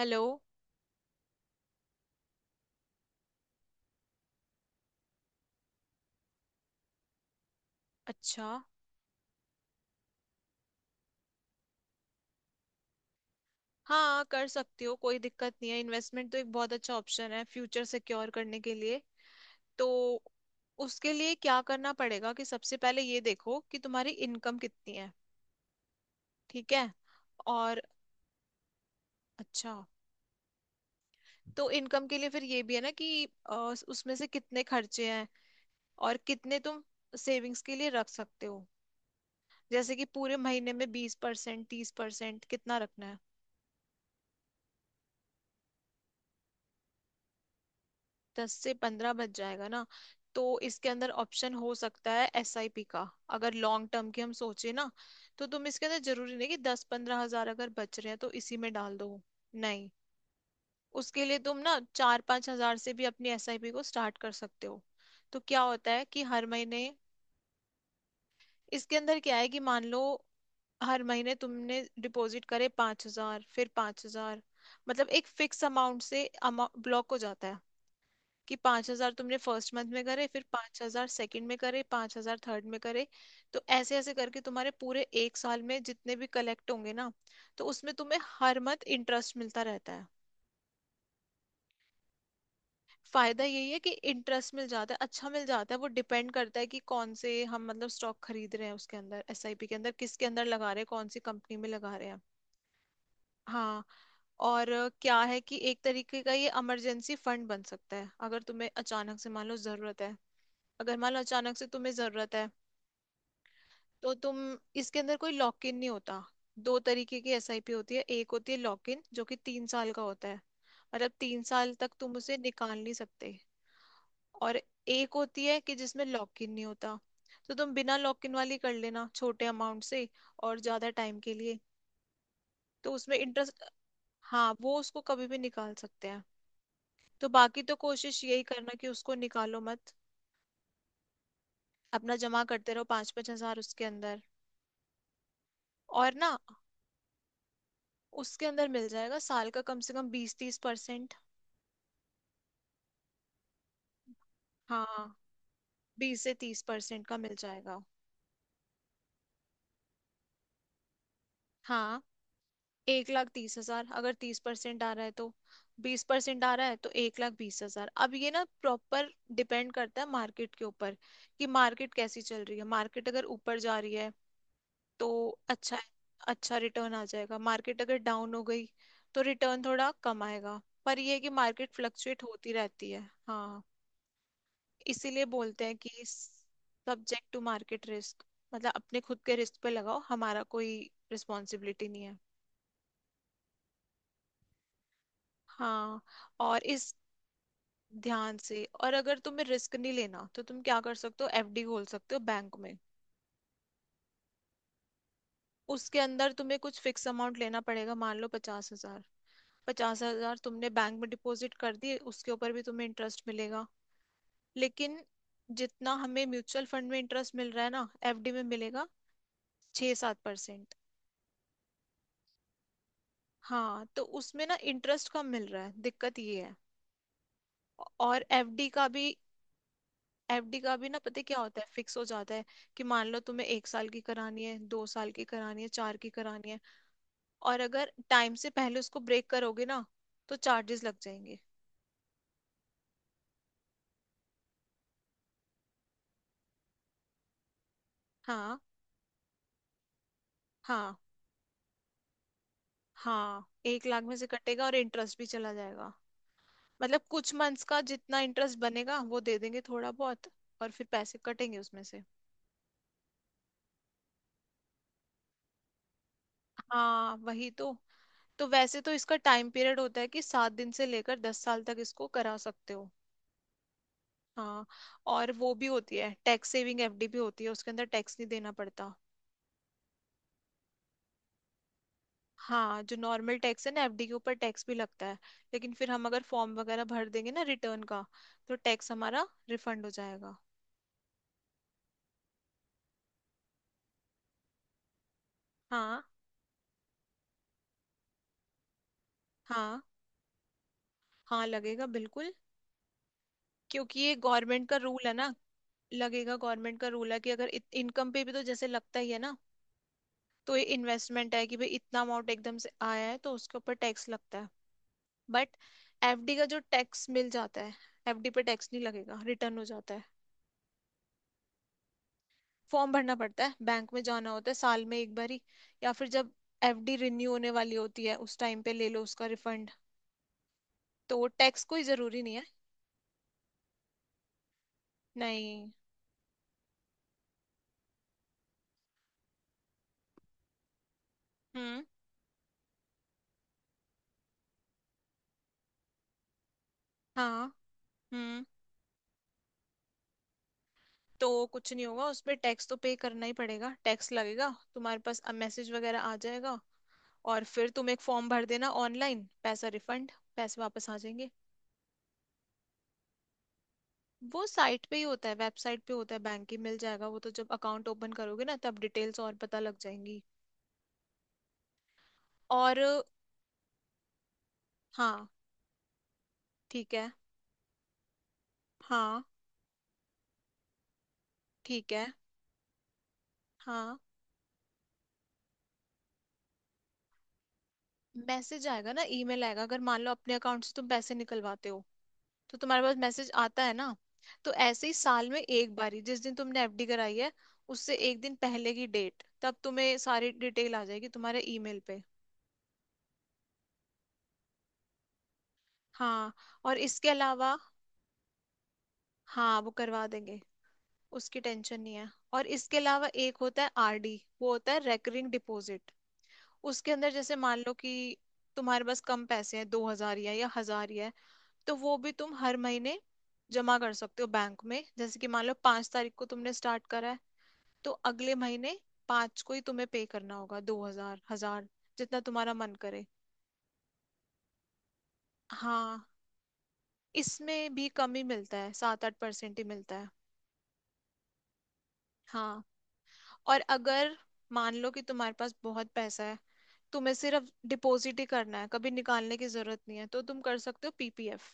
Hello. अच्छा। हाँ, कर सकती हो, कोई दिक्कत नहीं है। इन्वेस्टमेंट तो एक बहुत अच्छा ऑप्शन है फ्यूचर सिक्योर करने के लिए। तो उसके लिए क्या करना पड़ेगा कि सबसे पहले ये देखो कि तुम्हारी इनकम कितनी है। ठीक है। और अच्छा, तो इनकम के लिए फिर ये भी है ना कि उसमें से कितने खर्चे हैं और कितने तुम सेविंग्स के लिए रख सकते हो। जैसे कि पूरे महीने में 20% 30% कितना रखना है। 10 से 15 बच जाएगा ना। तो इसके अंदर ऑप्शन हो सकता है एसआईपी का, अगर लॉन्ग टर्म की हम सोचे ना। तो तुम इसके अंदर, जरूरी नहीं कि 10-15 हजार अगर बच रहे हैं तो इसी में डाल दो। नहीं, उसके लिए तुम ना 4-5 हजार से भी अपनी एसआईपी को स्टार्ट कर सकते हो। तो क्या होता है कि हर महीने, इसके अंदर क्या है कि मान लो हर महीने तुमने डिपॉजिट करे पांच हजार फिर पांच हजार। मतलब एक फिक्स अमाउंट से ब्लॉक हो जाता है कि पांच हजार तुमने फर्स्ट मंथ में करे, फिर पांच हजार सेकेंड में करे, पांच हजार थर्ड में करे। तो ऐसे ऐसे करके तुम्हारे पूरे एक साल में जितने भी कलेक्ट होंगे ना, तो उसमें तुम्हें हर मंथ इंटरेस्ट मिलता रहता है। फायदा यही है कि इंटरेस्ट मिल जाता है, अच्छा मिल जाता है। वो डिपेंड करता है कि कौन से हम मतलब स्टॉक खरीद रहे हैं उसके अंदर, एसआईपी के अंदर किसके अंदर लगा रहे हैं, कौन सी कंपनी में लगा रहे हैं। हाँ। और क्या है कि एक तरीके का ये इमरजेंसी फंड बन सकता है, अगर तुम्हें अचानक से मान लो जरूरत है। अगर मान लो अचानक से तुम्हें जरूरत है तो तुम, इसके अंदर कोई लॉक इन नहीं होता। दो तरीके की एसआईपी होती है। एक होती है लॉक इन, जो कि 3 साल का होता है, मतलब 3 साल तक तुम उसे निकाल नहीं सकते। और एक होती है कि जिसमें लॉक इन नहीं होता। तो तुम बिना लॉक इन वाली कर लेना, छोटे अमाउंट से और ज्यादा टाइम के लिए। तो उसमें इंटरेस्ट। हाँ, वो उसको कभी भी निकाल सकते हैं। तो बाकी तो कोशिश यही करना कि उसको निकालो मत। अपना जमा करते रहो पाँच पाँच हजार उसके अंदर। और ना, उसके अंदर मिल जाएगा साल का कम से कम 20-30%। हाँ। 20 से 30% का मिल जाएगा। हाँ। 1,30,000 अगर तीस परसेंट आ रहा है तो, बीस परसेंट आ रहा है तो 1,20,000। अब ये ना प्रॉपर डिपेंड करता है मार्केट के ऊपर कि मार्केट कैसी चल रही है। मार्केट अगर ऊपर जा रही है तो अच्छा, अच्छा रिटर्न आ जाएगा। मार्केट अगर डाउन हो गई तो रिटर्न थोड़ा कम आएगा, पर ये है कि मार्केट फ्लक्चुएट होती रहती है। हाँ। इसीलिए बोलते हैं कि सब्जेक्ट टू मार्केट रिस्क। मतलब अपने खुद के रिस्क पे लगाओ, हमारा कोई रिस्पॉन्सिबिलिटी नहीं है। हाँ। और इस, ध्यान से। और अगर तुम्हें रिस्क नहीं लेना तो तुम क्या कर सकते हो, एफडी खोल सकते हो बैंक में। उसके अंदर तुम्हें कुछ फिक्स अमाउंट लेना पड़ेगा, मान लो 50 हजार। पचास हजार तुमने बैंक में डिपॉजिट कर दिए, उसके ऊपर भी तुम्हें इंटरेस्ट मिलेगा। लेकिन जितना हमें म्यूचुअल फंड में इंटरेस्ट मिल रहा है ना, एफडी में मिलेगा 6-7%। हाँ, तो उसमें ना इंटरेस्ट कम मिल रहा है, दिक्कत ये है। और एफडी का भी, एफडी का भी ना, पता है क्या होता है, फिक्स हो जाता है कि मान लो तुम्हें एक साल की करानी है, दो साल की करानी है, चार की करानी है। और अगर टाइम से पहले उसको ब्रेक करोगे ना तो चार्जेस लग जाएंगे। हाँ। हाँ। हाँ, एक लाख में से कटेगा और इंटरेस्ट भी चला जाएगा। मतलब कुछ मंथ्स का जितना इंटरेस्ट बनेगा वो दे देंगे थोड़ा बहुत, और फिर पैसे कटेंगे उसमें से। हाँ वही तो। तो वैसे तो इसका टाइम पीरियड होता है कि 7 दिन से लेकर 10 साल तक इसको करा सकते हो। हाँ। और वो भी होती है टैक्स सेविंग एफडी भी होती है, उसके अंदर टैक्स नहीं देना पड़ता। हाँ, जो नॉर्मल टैक्स है ना एफडी के ऊपर टैक्स भी लगता है, लेकिन फिर हम अगर फॉर्म वगैरह भर देंगे ना रिटर्न का, तो टैक्स हमारा रिफंड हो जाएगा। हाँ। हाँ। हाँ लगेगा बिल्कुल, क्योंकि ये गवर्नमेंट का रूल है ना। लगेगा, गवर्नमेंट का रूल है कि अगर, इनकम पे भी तो जैसे लगता ही है ना, तो ये इन्वेस्टमेंट है कि भाई इतना अमाउंट एकदम से आया है, तो उसके ऊपर टैक्स लगता है। बट एफडी का जो टैक्स मिल जाता है, एफडी पे टैक्स नहीं लगेगा, रिटर्न हो जाता है। फॉर्म भरना पड़ता है, बैंक में जाना होता है साल में एक बार ही, या फिर जब एफडी रिन्यू होने वाली होती है उस टाइम पे ले लो उसका रिफंड। तो टैक्स कोई जरूरी नहीं है। नहीं। हम्म। हाँ। हम्म। तो कुछ नहीं होगा, उस पे टैक्स तो पे करना ही पड़ेगा, टैक्स लगेगा। तुम्हारे पास अब मैसेज वगैरह आ जाएगा और फिर तुम एक फॉर्म भर देना ऑनलाइन, पैसा रिफंड, पैसे वापस आ जाएंगे। वो साइट पे ही होता है, वेबसाइट पे होता है बैंक की, मिल जाएगा वो तो, जब अकाउंट ओपन करोगे ना तब डिटेल्स और पता लग जाएंगी। और हाँ। ठीक है। हाँ। ठीक है। हाँ, मैसेज आएगा ना, ईमेल आएगा, अगर मान लो अपने अकाउंट से तुम पैसे निकलवाते हो तो तुम्हारे पास मैसेज आता है ना। तो ऐसे ही साल में एक बारी, जिस दिन तुमने एफडी कराई है उससे एक दिन पहले की डेट, तब तुम्हें सारी डिटेल आ जाएगी तुम्हारे ईमेल पे। हाँ। और इसके अलावा, हाँ, वो करवा देंगे, उसकी टेंशन नहीं है। और इसके अलावा एक होता है आरडी, वो होता है रेकरिंग डिपॉजिट। उसके अंदर जैसे मान लो कि तुम्हारे पास कम पैसे हैं, 2 हजार या हजार या, तो वो भी तुम हर महीने जमा कर सकते हो बैंक में। जैसे कि मान लो 5 तारीख को तुमने स्टार्ट करा है, तो अगले महीने पांच को ही तुम्हें पे करना होगा, दो हजार, हजार, जितना तुम्हारा मन करे। हाँ। इसमें भी कम ही मिलता है, 7-8% ही मिलता है। हाँ। और अगर मान लो कि तुम्हारे पास बहुत पैसा है, तुम्हें सिर्फ डिपॉजिट ही करना है, कभी निकालने की जरूरत नहीं है, तो तुम कर सकते हो पीपीएफ।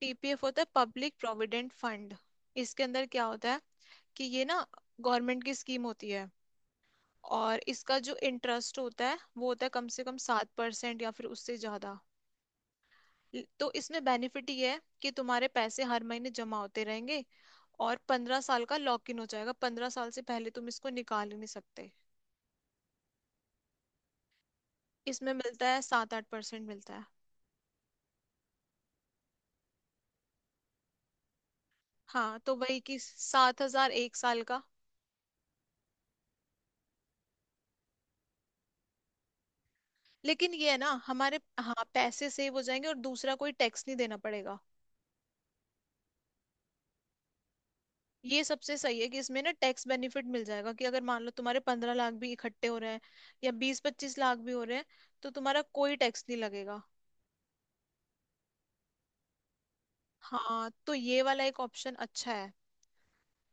पीपीएफ होता है पब्लिक प्रोविडेंट फंड। इसके अंदर क्या होता है कि ये ना गवर्नमेंट की स्कीम होती है, और इसका जो इंटरेस्ट होता है वो होता है कम से कम 7% या फिर उससे ज्यादा। तो इसमें बेनिफिट ये है कि तुम्हारे पैसे हर महीने जमा होते रहेंगे। और 15 साल का लॉक इन हो जाएगा, 15 साल से पहले तुम इसको निकाल ही नहीं सकते। इसमें मिलता है 7-8% मिलता है। हाँ, तो वही कि 7 हजार एक साल का। लेकिन ये है ना हमारे, हाँ, पैसे सेव हो जाएंगे और दूसरा कोई टैक्स नहीं देना पड़ेगा। ये सबसे सही है कि इसमें ना टैक्स बेनिफिट मिल जाएगा, कि अगर मान लो तुम्हारे 15 लाख भी इकट्ठे हो रहे हैं या 20-25 लाख भी हो रहे हैं, तो तुम्हारा कोई टैक्स नहीं लगेगा। हाँ, तो ये वाला एक ऑप्शन अच्छा है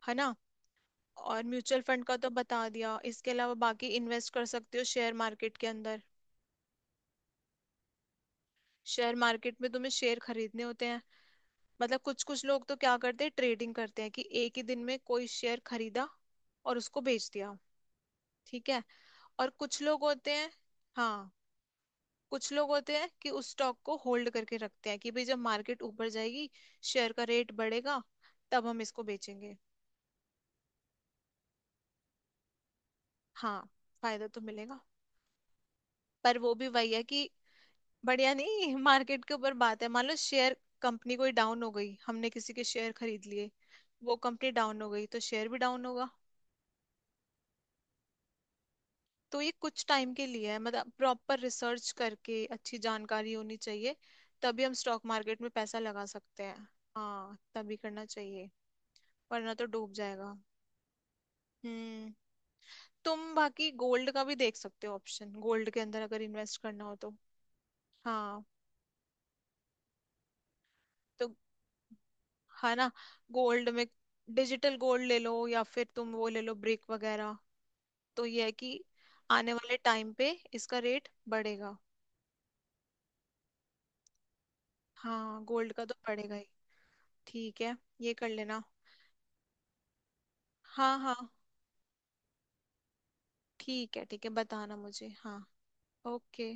है ना। और म्यूचुअल फंड का तो बता दिया, इसके अलावा बाकी इन्वेस्ट कर सकते हो शेयर मार्केट के अंदर। शेयर मार्केट में तुम्हें शेयर खरीदने होते हैं, मतलब कुछ, कुछ लोग तो क्या करते हैं, ट्रेडिंग करते हैं कि एक ही दिन में कोई शेयर खरीदा और उसको बेच दिया। ठीक है, और कुछ लोग होते हैं, हाँ, कुछ लोग होते हैं कि उस स्टॉक को होल्ड करके रखते हैं कि भाई जब मार्केट ऊपर जाएगी, शेयर का रेट बढ़ेगा, तब हम इसको बेचेंगे। हाँ। फायदा तो मिलेगा पर वो भी वही है कि, बढ़िया नहीं, मार्केट के ऊपर बात है। मान लो शेयर, कंपनी कोई डाउन हो गई, हमने किसी के शेयर खरीद लिए, वो कंपनी डाउन हो गई तो शेयर भी डाउन होगा। तो ये कुछ टाइम के लिए है, मतलब प्रॉपर रिसर्च करके अच्छी जानकारी होनी चाहिए, तभी हम स्टॉक मार्केट में पैसा लगा सकते हैं। हाँ, तभी करना चाहिए, वरना तो डूब जाएगा। हम्म। तुम बाकी गोल्ड का भी देख सकते हो ऑप्शन, गोल्ड के अंदर अगर इन्वेस्ट करना हो तो। हाँ। तो, है ना, गोल्ड में, डिजिटल गोल्ड ले लो या फिर तुम वो ले लो ब्रिक वगैरह। तो ये है कि आने वाले टाइम पे इसका रेट बढ़ेगा। हाँ, गोल्ड का तो बढ़ेगा ही। ठीक है, ये कर लेना। हाँ। हाँ ठीक है, ठीक है, बताना मुझे, हाँ। ओके।